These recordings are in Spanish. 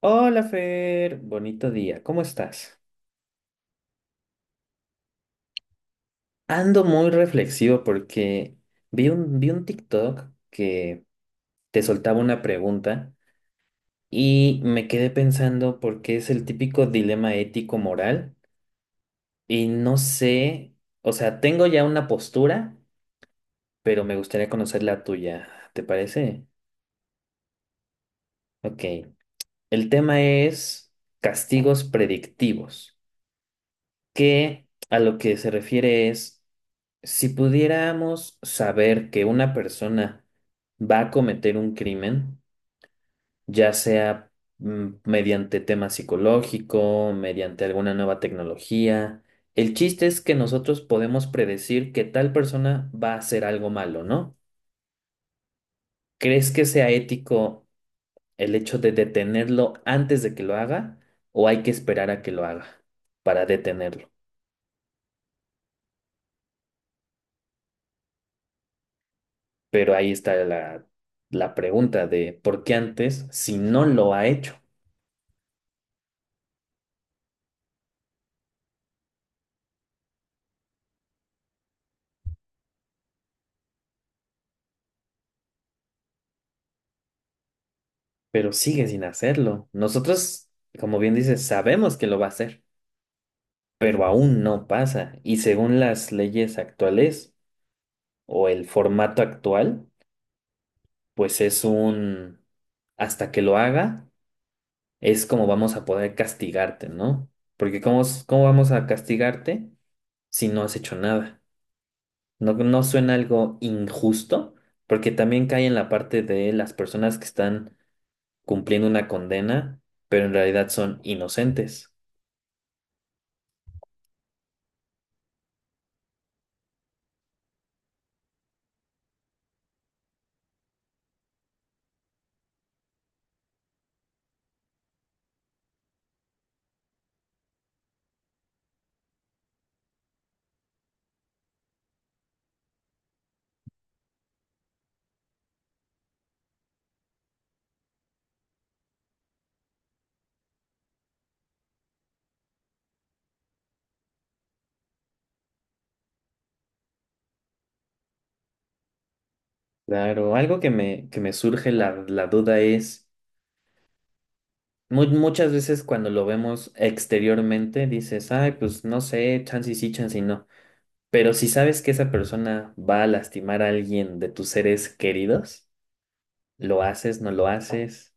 Hola Fer, bonito día, ¿cómo estás? Ando muy reflexivo porque vi un TikTok que te soltaba una pregunta y me quedé pensando porque es el típico dilema ético-moral y no sé, o sea, tengo ya una postura, pero me gustaría conocer la tuya, ¿te parece? Ok, el tema es castigos predictivos, que a lo que se refiere es, si pudiéramos saber que una persona va a cometer un crimen, ya sea mediante tema psicológico, mediante alguna nueva tecnología, el chiste es que nosotros podemos predecir que tal persona va a hacer algo malo, ¿no? ¿Crees que sea ético el hecho de detenerlo antes de que lo haga o hay que esperar a que lo haga para detenerlo? Pero ahí está la pregunta de por qué antes, si no lo ha hecho, pero sigue sin hacerlo. Nosotros, como bien dices, sabemos que lo va a hacer, pero aún no pasa. Y según las leyes actuales o el formato actual, pues es un hasta que lo haga, es como vamos a poder castigarte, ¿no? Porque ¿cómo vamos a castigarte si no has hecho nada? ¿No, no suena algo injusto? Porque también cae en la parte de las personas que están cumpliendo una condena, pero en realidad son inocentes. Claro, algo que que me surge la duda es, muchas veces cuando lo vemos exteriormente dices, ay, pues no sé, chance y sí, chance y no. Pero si sabes que esa persona va a lastimar a alguien de tus seres queridos, ¿lo haces, no lo haces?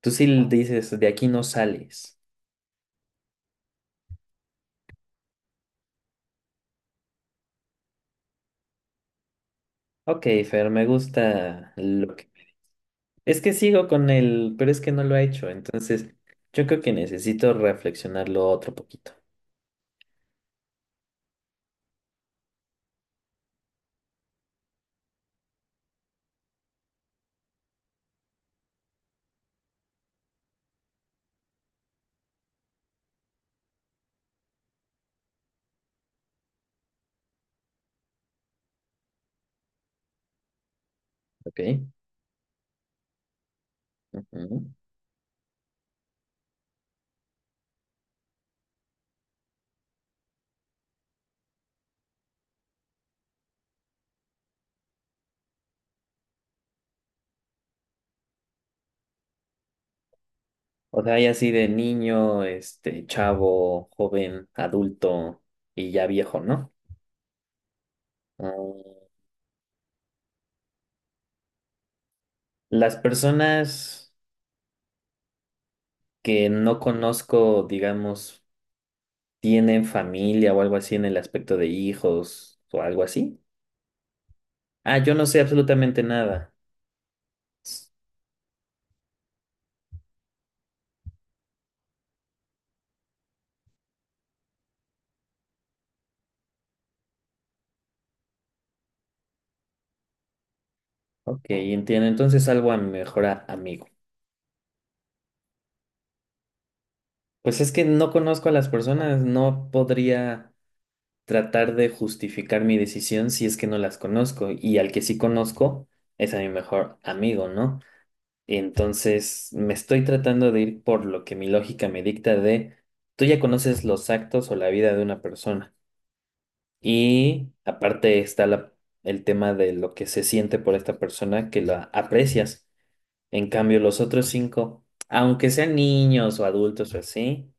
Tú sí dices, de aquí no sales. Ok, Fer, me gusta lo que... Es que sigo con él, pero es que no lo he hecho, entonces yo creo que necesito reflexionarlo otro poquito. Ok. Ujú. O sea, hay así de niño, este, chavo, joven, adulto y ya viejo, ¿no? Mm, las personas que no conozco, digamos... ¿tienen familia o algo así en el aspecto de hijos o algo así? Ah, yo no sé absolutamente nada. Ok, entiendo. Entonces salvo a mi mejor amigo. Pues es que no conozco a las personas, no podría tratar de justificar mi decisión si es que no las conozco. Y al que sí conozco es a mi mejor amigo, ¿no? Entonces me estoy tratando de ir por lo que mi lógica me dicta de, tú ya conoces los actos o la vida de una persona. Y aparte está el tema de lo que se siente por esta persona que la aprecias. En cambio, los otros cinco, aunque sean niños o adultos o así,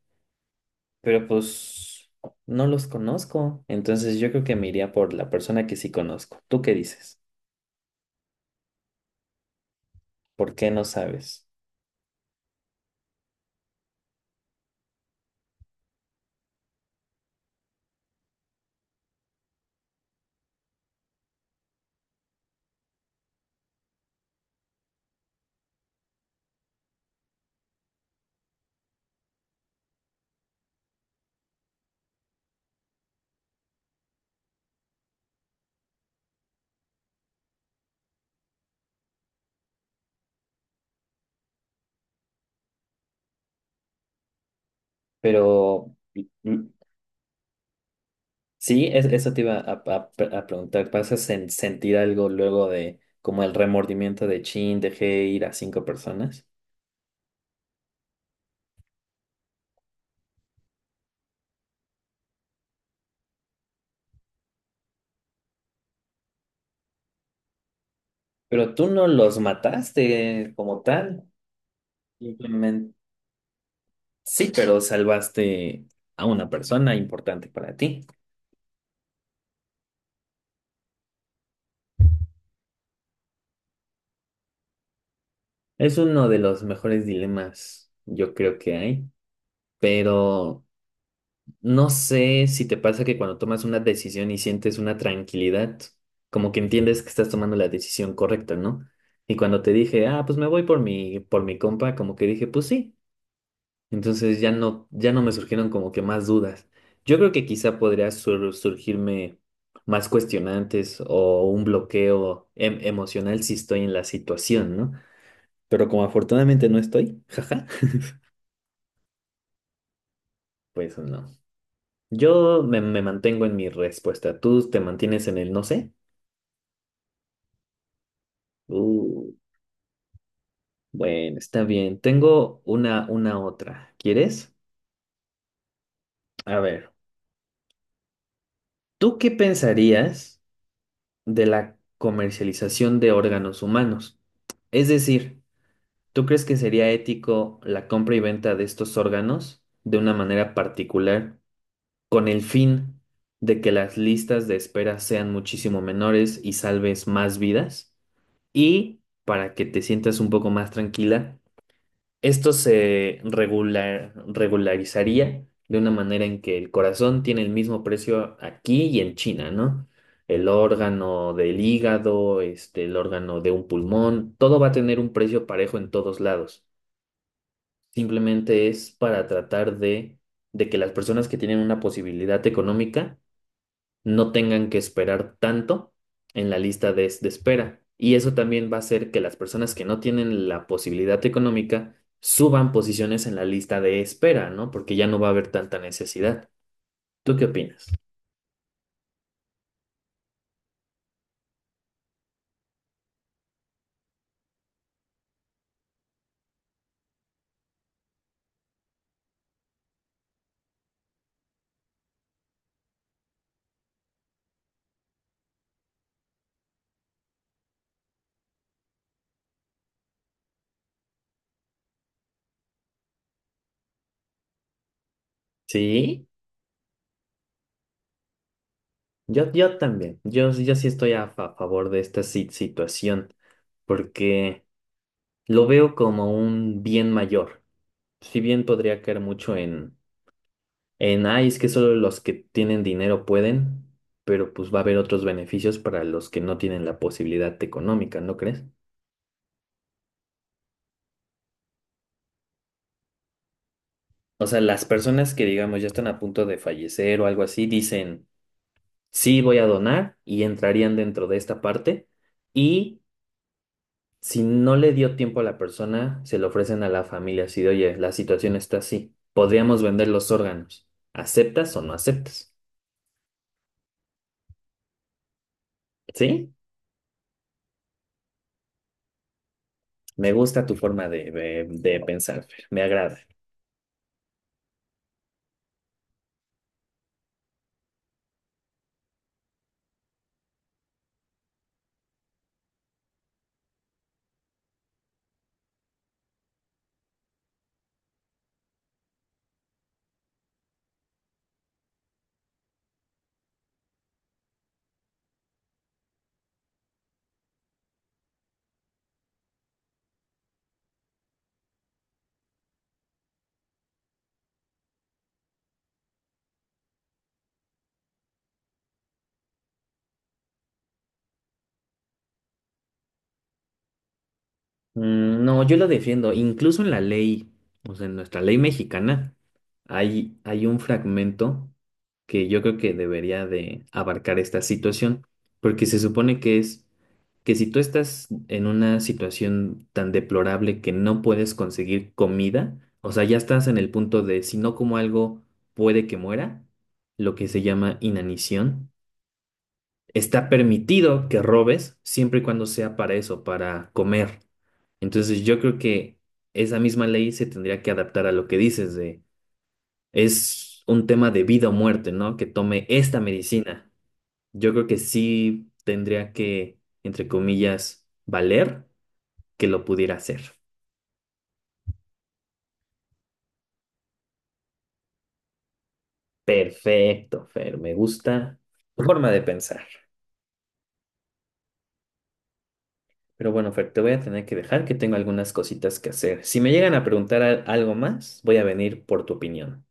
pero pues no los conozco. Entonces yo creo que me iría por la persona que sí conozco. ¿Tú qué dices? ¿Por qué no sabes? Pero mm, sí, eso te iba a preguntar. ¿Vas a sentir algo luego de como el remordimiento de chin, dejé ir a cinco personas? Pero tú no los mataste como tal, simplemente sí, pero salvaste a una persona importante para ti. Es uno de los mejores dilemas, yo creo que hay, pero no sé si te pasa que cuando tomas una decisión y sientes una tranquilidad, como que entiendes que estás tomando la decisión correcta, ¿no? Y cuando te dije, ah, pues me voy por por mi compa, como que dije, pues sí. Entonces ya no me surgieron como que más dudas. Yo creo que quizá podría surgirme más cuestionantes o un bloqueo emocional si estoy en la situación, ¿no? Pero como afortunadamente no estoy, jaja, pues no. Yo me mantengo en mi respuesta. ¿Tú te mantienes en el no sé? Uh, bueno, está bien. Tengo una otra. ¿Quieres? A ver, ¿tú qué pensarías de la comercialización de órganos humanos? Es decir, ¿tú crees que sería ético la compra y venta de estos órganos de una manera particular con el fin de que las listas de espera sean muchísimo menores y salves más vidas? Y para que te sientas un poco más tranquila, esto se regularizaría de una manera en que el corazón tiene el mismo precio aquí y en China, ¿no? El órgano del hígado, este, el órgano de un pulmón, todo va a tener un precio parejo en todos lados. Simplemente es para tratar de que las personas que tienen una posibilidad económica no tengan que esperar tanto en la lista de espera. Y eso también va a hacer que las personas que no tienen la posibilidad económica suban posiciones en la lista de espera, ¿no? Porque ya no va a haber tanta necesidad. ¿Tú qué opinas? Sí, yo también. Yo sí estoy a, favor de esta situación porque lo veo como un bien mayor. Si bien podría caer mucho en ay, es que solo los que tienen dinero pueden, pero pues va a haber otros beneficios para los que no tienen la posibilidad económica, ¿no crees? O sea, las personas que digamos ya están a punto de fallecer o algo así, dicen, sí, voy a donar y entrarían dentro de esta parte. Y si no le dio tiempo a la persona, se lo ofrecen a la familia así de, oye, la situación está así, podríamos vender los órganos. ¿Aceptas o no aceptas? ¿Sí? Me gusta tu forma de, de pensar, Fer, me agrada. Mm, no, yo lo defiendo. Incluso en la ley, o sea, en nuestra ley mexicana, hay un fragmento que yo creo que debería de abarcar esta situación, porque se supone que es que si tú estás en una situación tan deplorable que no puedes conseguir comida, o sea, ya estás en el punto de si no como algo puede que muera, lo que se llama inanición, está permitido que robes siempre y cuando sea para eso, para comer. Entonces yo creo que esa misma ley se tendría que adaptar a lo que dices de es un tema de vida o muerte, ¿no? Que tome esta medicina. Yo creo que sí tendría que, entre comillas, valer que lo pudiera hacer. Perfecto, Fer, me gusta tu forma de pensar. Pero bueno, Fer, te voy a tener que dejar que tengo algunas cositas que hacer. Si me llegan a preguntar algo más, voy a venir por tu opinión.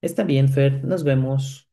Está bien, Fer, nos vemos.